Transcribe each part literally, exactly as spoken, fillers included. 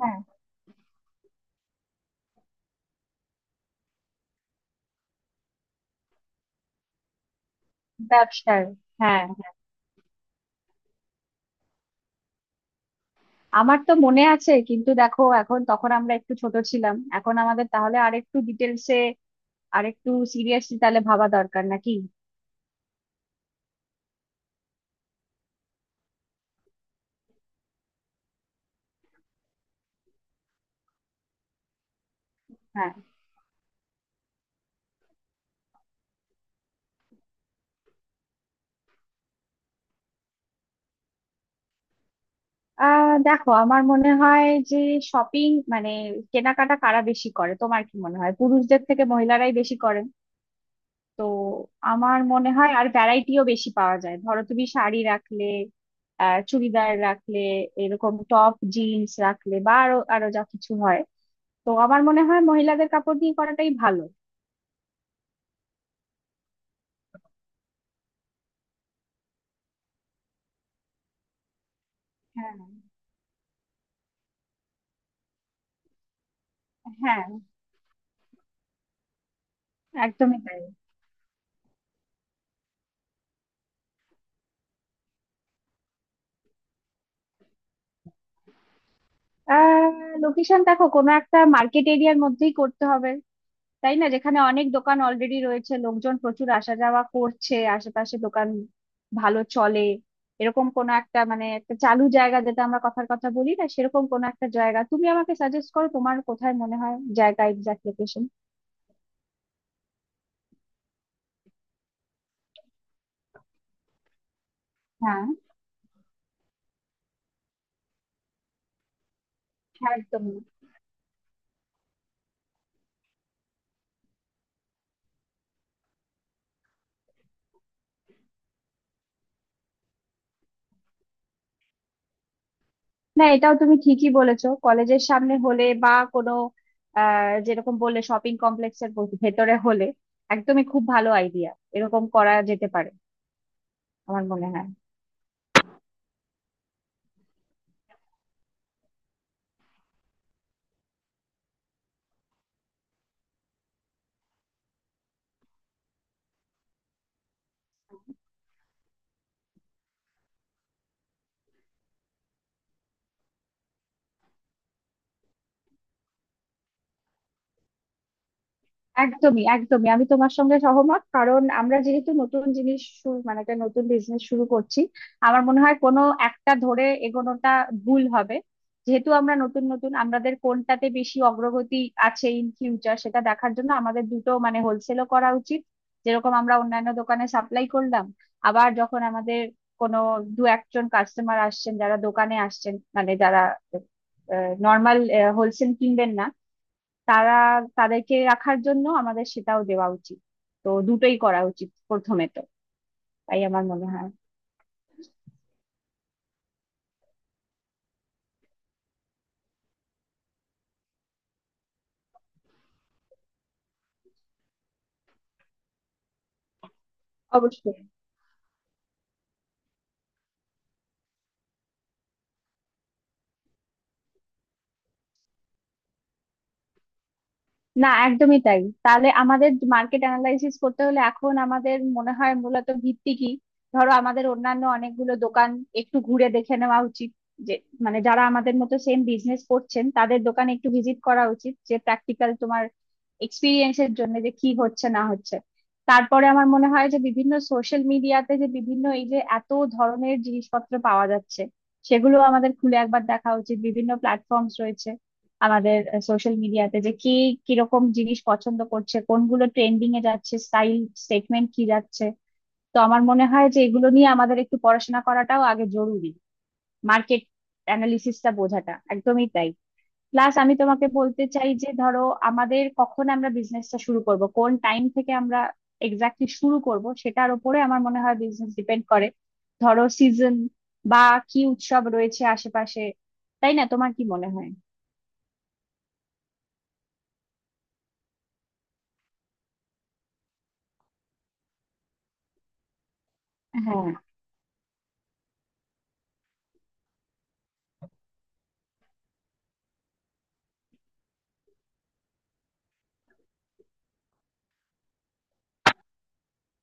হ্যাঁ। ব্যবসায়। হ্যাঁ, আমার তো মনে আছে, কিন্তু দেখো, এখন তখন আমরা একটু ছোট ছিলাম। এখন আমাদের তাহলে আরেকটু ডিটেলসে, আরেকটু সিরিয়াসলি তাহলে ভাবা দরকার নাকি? হ্যাঁ। আহ দেখো, আমার মনে হয় যে শপিং মানে কেনাকাটা কারা বেশি করে? তোমার কি মনে হয়? পুরুষদের থেকে মহিলারাই বেশি করেন। তো আমার মনে হয় আর ভ্যারাইটিও বেশি পাওয়া যায়। ধরো তুমি শাড়ি রাখলে, আহ চুড়িদার রাখলে, এরকম টপ জিন্স রাখলে বা আরো আরো যা কিছু হয়, তো আমার মনে হয় মহিলাদের কাপড় দিয়ে করাটাই ভালো। হ্যাঁ, হ্যাঁ, একদমই তাই। আহ লোকেশন দেখো, কোনো একটা মার্কেট এরিয়ার মধ্যেই করতে হবে, তাই না? যেখানে অনেক দোকান অলরেডি রয়েছে, লোকজন প্রচুর আসা যাওয়া করছে, আশেপাশে দোকান ভালো চলে, এরকম কোনো একটা মানে একটা চালু জায়গা, যেটা আমরা কথার কথা বলি না, সেরকম কোনো একটা জায়গা তুমি আমাকে সাজেস্ট করো। তোমার কোথায় মনে হয় জায়গা, এক্সাক্ট লোকেশন? হ্যাঁ, একদম। না, এটাও তুমি ঠিকই বলেছো, কলেজের সামনে হলে বা কোনো আহ যেরকম বললে শপিং কমপ্লেক্সের ভেতরে হলে, একদমই খুব ভালো আইডিয়া। এরকম করা যেতে পারে আমার মনে হয়। একদমই, একদমই, আমি তোমার সঙ্গে সহমত। কারণ আমরা যেহেতু নতুন জিনিস শুরু মানে একটা নতুন বিজনেস শুরু করছি, আমার মনে হয় কোনো একটা ধরে এগোনোটা ভুল হবে। যেহেতু আমরা নতুন নতুন, আমাদের কোনটাতে বেশি অগ্রগতি আছে ইন ফিউচার সেটা দেখার জন্য আমাদের দুটো মানে হোলসেলও করা উচিত, যেরকম আমরা অন্যান্য দোকানে সাপ্লাই করলাম। আবার যখন আমাদের কোনো দু একজন কাস্টমার আসছেন, যারা দোকানে আসছেন মানে যারা নর্মাল হোলসেল কিনবেন না, তারা, তাদেরকে রাখার জন্য আমাদের সেটাও দেওয়া উচিত। তো দুটোই করা উচিত প্রথমে তো, তাই আমার মনে হয়। অবশ্যই। না, একদমই তাই। তাহলে আমাদের মার্কেট অ্যানালাইসিস করতে হলে এখন আমাদের মনে হয় মূলত ভিত্তি কি? ধরো, আমাদের অন্যান্য অনেকগুলো দোকান একটু ঘুরে দেখে নেওয়া উচিত, যে মানে যারা আমাদের মতো সেম বিজনেস করছেন তাদের দোকানে একটু ভিজিট করা উচিত, যে প্র্যাকটিক্যাল তোমার এক্সপিরিয়েন্সের জন্য, যে কি হচ্ছে না হচ্ছে। তারপরে আমার মনে হয় যে বিভিন্ন সোশ্যাল মিডিয়াতে যে বিভিন্ন এই যে এত ধরনের জিনিসপত্র পাওয়া যাচ্ছে, সেগুলো আমাদের খুলে একবার দেখা উচিত। বিভিন্ন প্ল্যাটফর্মস রয়েছে আমাদের সোশ্যাল মিডিয়াতে, যে কে কিরকম জিনিস পছন্দ করছে, কোনগুলো ট্রেন্ডিং এ যাচ্ছে, স্টাইল স্টেটমেন্ট কি যাচ্ছে। তো আমার মনে হয় যে এগুলো নিয়ে আমাদের একটু পড়াশোনা করাটাও আগে জরুরি, মার্কেট অ্যানালিসিসটা বোঝাটা, একদমই তাই। প্লাস আমি তোমাকে বলতে চাই যে ধরো আমাদের কখন আমরা বিজনেসটা শুরু করব, কোন টাইম থেকে আমরা এক্স্যাক্টলি শুরু করব, সেটার উপরে আমার মনে হয় বিজনেস ডিপেন্ড করে। ধরো সিজন বা কি উৎসব রয়েছে আশেপাশে, তাই না? তোমার কি মনে হয়? হ্যাঁ,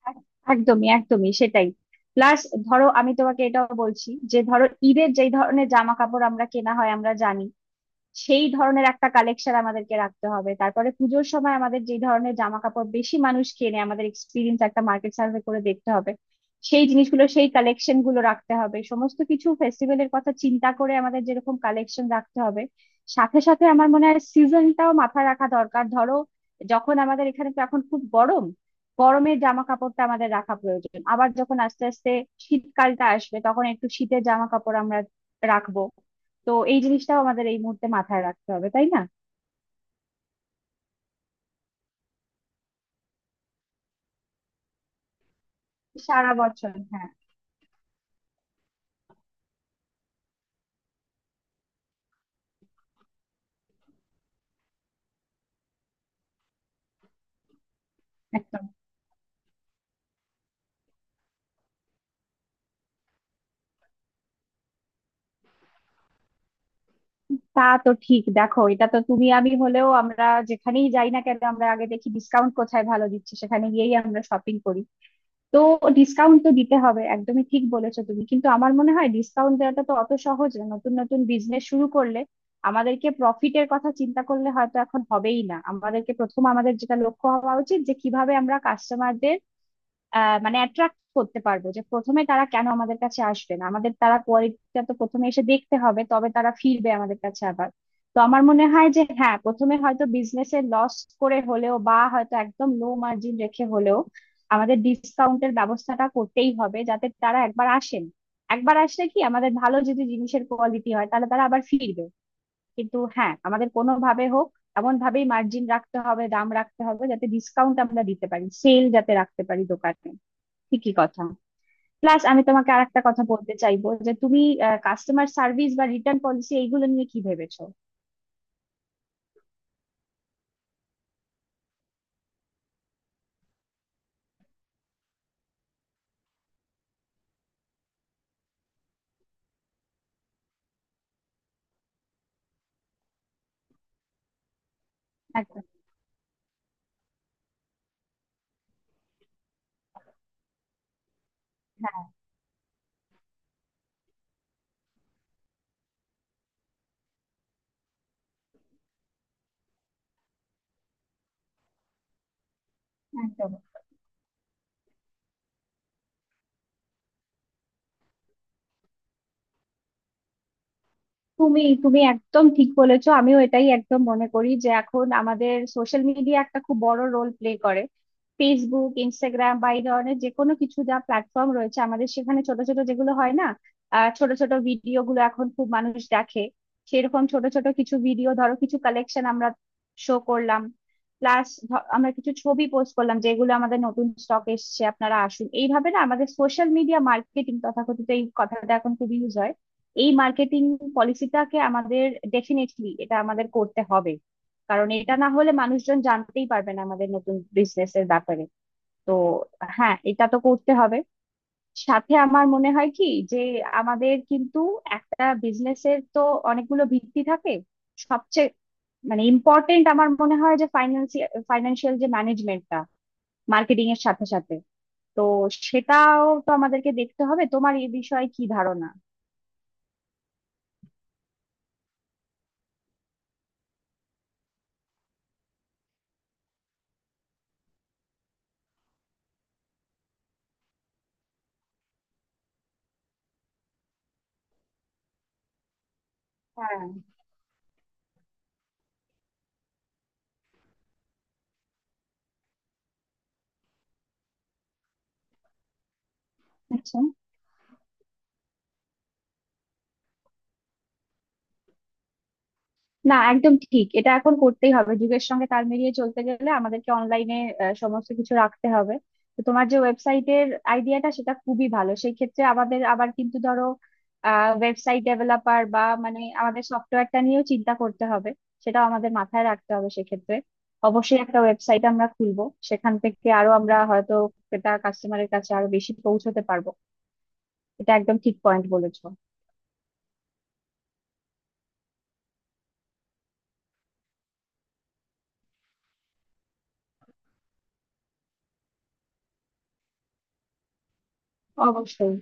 এক- একদমই, একদমই সেটাই। প্লাস ধরো আমি তোমাকে এটাও বলছি যে ধরো ঈদের যেই ধরনের জামা কাপড় আমরা কেনা হয় আমরা জানি, সেই ধরনের একটা কালেকশন আমাদেরকে রাখতে হবে। তারপরে পুজোর সময় আমাদের যে ধরনের জামা কাপড় বেশি মানুষ কেনে, আমাদের এক্সপিরিয়েন্স একটা মার্কেট সার্ভে করে দেখতে হবে। সেই জিনিসগুলো, সেই কালেকশন গুলো রাখতে হবে। সমস্ত কিছু ফেস্টিভ্যালের কথা চিন্তা করে আমাদের যেরকম কালেকশন রাখতে হবে। সাথে সাথে আমার মনে হয় সিজনটাও মাথায় রাখা দরকার। ধরো যখন আমাদের এখানে তো এখন খুব গরম, গরমের জামা কাপড়টা আমাদের রাখা প্রয়োজন। আবার যখন আস্তে আস্তে শীতকালটা আসবে, তখন একটু শীতের জামা কাপড় আমরা রাখবো। তো এই জিনিসটাও আমাদের এই মুহূর্তে মাথায় রাখতে হবে, তাই না? সারা বছর। হ্যাঁ। একদম। তা তো ঠিক। দেখো এটা তো তুমি আমি হলেও, আমরা যেখানেই যাই না কেন, আমরা আগে দেখি ডিসকাউন্ট কোথায় ভালো দিচ্ছে, সেখানে গিয়েই আমরা শপিং করি। তো ডিসকাউন্ট তো দিতে হবে, একদমই ঠিক বলেছো তুমি। কিন্তু আমার মনে হয় ডিসকাউন্ট দেওয়াটা তো অত সহজ না নতুন নতুন বিজনেস শুরু করলে। আমাদেরকে প্রফিটের কথা চিন্তা করলে হয়তো এখন হবেই না। আমাদেরকে প্রথম, আমাদের যেটা লক্ষ্য হওয়া উচিত যে কিভাবে আমরা কাস্টমারদের আহ মানে অ্যাট্রাক্ট করতে পারবো, যে প্রথমে তারা কেন আমাদের কাছে আসবে? না, আমাদের তারা কোয়ালিটিটা তো প্রথমে এসে দেখতে হবে, তবে তারা ফিরবে আমাদের কাছে আবার। তো আমার মনে হয় যে হ্যাঁ, প্রথমে হয়তো বিজনেসে লস করে হলেও বা হয়তো একদম লো মার্জিন রেখে হলেও আমাদের ডিসকাউন্টের ব্যবস্থাটা করতেই হবে, যাতে তারা একবার আসেন। একবার আসলে কি, আমাদের ভালো যদি জিনিসের কোয়ালিটি হয় তাহলে তারা আবার ফিরবে। কিন্তু হ্যাঁ, আমাদের কোনোভাবে হোক এমন ভাবেই মার্জিন রাখতে হবে, দাম রাখতে হবে যাতে ডিসকাউন্ট আমরা দিতে পারি, সেল যাতে রাখতে পারি দোকানে। ঠিকই কথা। প্লাস আমি তোমাকে আরেকটা কথা বলতে চাইবো যে তুমি কাস্টমার সার্ভিস বা রিটার্ন পলিসি এইগুলো নিয়ে কি ভেবেছো? একদম। হ্যাঁ। একদম। তুমি তুমি একদম ঠিক বলেছো। আমিও এটাই একদম মনে করি যে এখন আমাদের সোশ্যাল মিডিয়া একটা খুব বড় রোল প্লে করে। ফেসবুক, ইনস্টাগ্রাম বা এই ধরনের যে কোনো কিছু যা প্ল্যাটফর্ম রয়েছে আমাদের, সেখানে ছোট ছোট যেগুলো হয় না, আহ, ছোট ছোট ভিডিও গুলো এখন খুব মানুষ দেখে। সেরকম ছোট ছোট কিছু ভিডিও ধরো কিছু কালেকশন আমরা শো করলাম। প্লাস আমরা কিছু ছবি পোস্ট করলাম যেগুলো আমাদের নতুন স্টক এসছে, আপনারা আসুন এইভাবে, না আমাদের সোশ্যাল মিডিয়া মার্কেটিং তথাকথিত এই কথাটা এখন খুব ইউজ হয়, এই মার্কেটিং পলিসিটাকে আমাদের ডেফিনেটলি এটা আমাদের করতে হবে। কারণ এটা না হলে মানুষজন জানতেই পারবে না আমাদের নতুন বিজনেস এর ব্যাপারে। তো হ্যাঁ, এটা তো করতে হবে। সাথে আমার মনে হয় কি যে আমাদের কিন্তু একটা বিজনেসের তো অনেকগুলো ভিত্তি থাকে। সবচেয়ে মানে ইম্পর্টেন্ট আমার মনে হয় যে ফাইন্যান্সিয়াল ফাইন্যান্সিয়াল যে ম্যানেজমেন্টটা, মার্কেটিং এর সাথে সাথে, তো সেটাও তো আমাদেরকে দেখতে হবে। তোমার এই বিষয়ে কি ধারণা? হ্যাঁ। আচ্ছা। না, একদম ঠিক, এটা এখন করতেই হবে। যুগের সঙ্গে তাল মিলিয়ে চলতে গেলে আমাদেরকে অনলাইনে সমস্ত কিছু রাখতে হবে। তো তোমার যে ওয়েবসাইটের আইডিয়াটা, সেটা খুবই ভালো। সেই ক্ষেত্রে আমাদের আবার কিন্তু ধরো ওয়েবসাইট ডেভেলপার বা মানে আমাদের সফটওয়্যারটা নিয়েও চিন্তা করতে হবে, সেটাও আমাদের মাথায় রাখতে হবে সেক্ষেত্রে। অবশ্যই একটা ওয়েবসাইট আমরা খুলবো, সেখান থেকে আরো আমরা হয়তো এটা কাস্টমারের কাছে আরো বেশি পৌঁছতে পারবো। এটা একদম ঠিক পয়েন্ট বলেছো। অবশ্যই।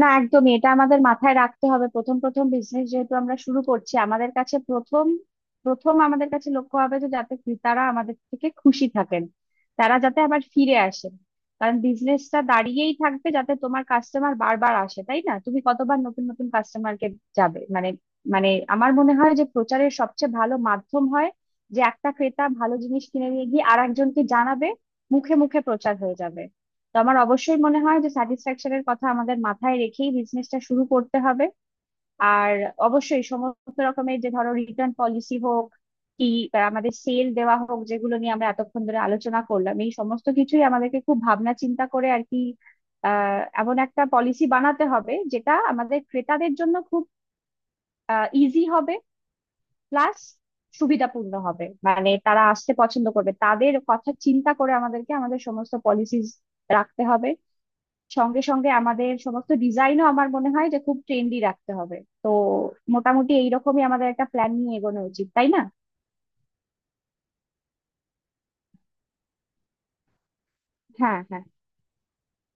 না, একদমই, এটা আমাদের মাথায় রাখতে হবে। প্রথম প্রথম বিজনেস যেহেতু আমরা শুরু করছি, আমাদের কাছে প্রথম প্রথম আমাদের কাছে লক্ষ্য হবে যে যাতে ক্রেতারা আমাদের থেকে খুশি থাকেন, তারা যাতে আবার ফিরে আসেন। কারণ বিজনেসটা দাঁড়িয়েই থাকবে যাতে তোমার কাস্টমার বারবার আসে, তাই না? তুমি কতবার নতুন নতুন কাস্টমারকে যাবে, মানে মানে আমার মনে হয় যে প্রচারের সবচেয়ে ভালো মাধ্যম হয় যে একটা ক্রেতা ভালো জিনিস কিনে নিয়ে গিয়ে আর একজনকে জানাবে, মুখে মুখে প্রচার হয়ে যাবে। তো আমার অবশ্যই মনে হয় যে স্যাটিসফ্যাকশনের কথা আমাদের মাথায় রেখেই বিজনেসটা শুরু করতে হবে। আর অবশ্যই সমস্ত রকমের যে ধরো রিটার্ন পলিসি হোক কি বা আমাদের সেল দেওয়া হোক, যেগুলো নিয়ে আমরা এতক্ষণ ধরে আলোচনা করলাম, এই সমস্ত কিছুই আমাদেরকে খুব ভাবনা চিন্তা করে আর কি আহ এমন একটা পলিসি বানাতে হবে যেটা আমাদের ক্রেতাদের জন্য খুব ইজি হবে। প্লাস সুবিধাপূর্ণ হবে, মানে তারা আসতে পছন্দ করবে। তাদের কথা চিন্তা করে আমাদেরকে আমাদের সমস্ত পলিসিস রাখতে হবে। সঙ্গে সঙ্গে আমাদের সমস্ত ডিজাইনও আমার মনে হয় যে খুব ট্রেন্ডি রাখতে হবে। তো মোটামুটি এইরকমই আমাদের একটা প্ল্যান নিয়ে এগোনো উচিত, তাই না? হ্যাঁ, হ্যাঁ।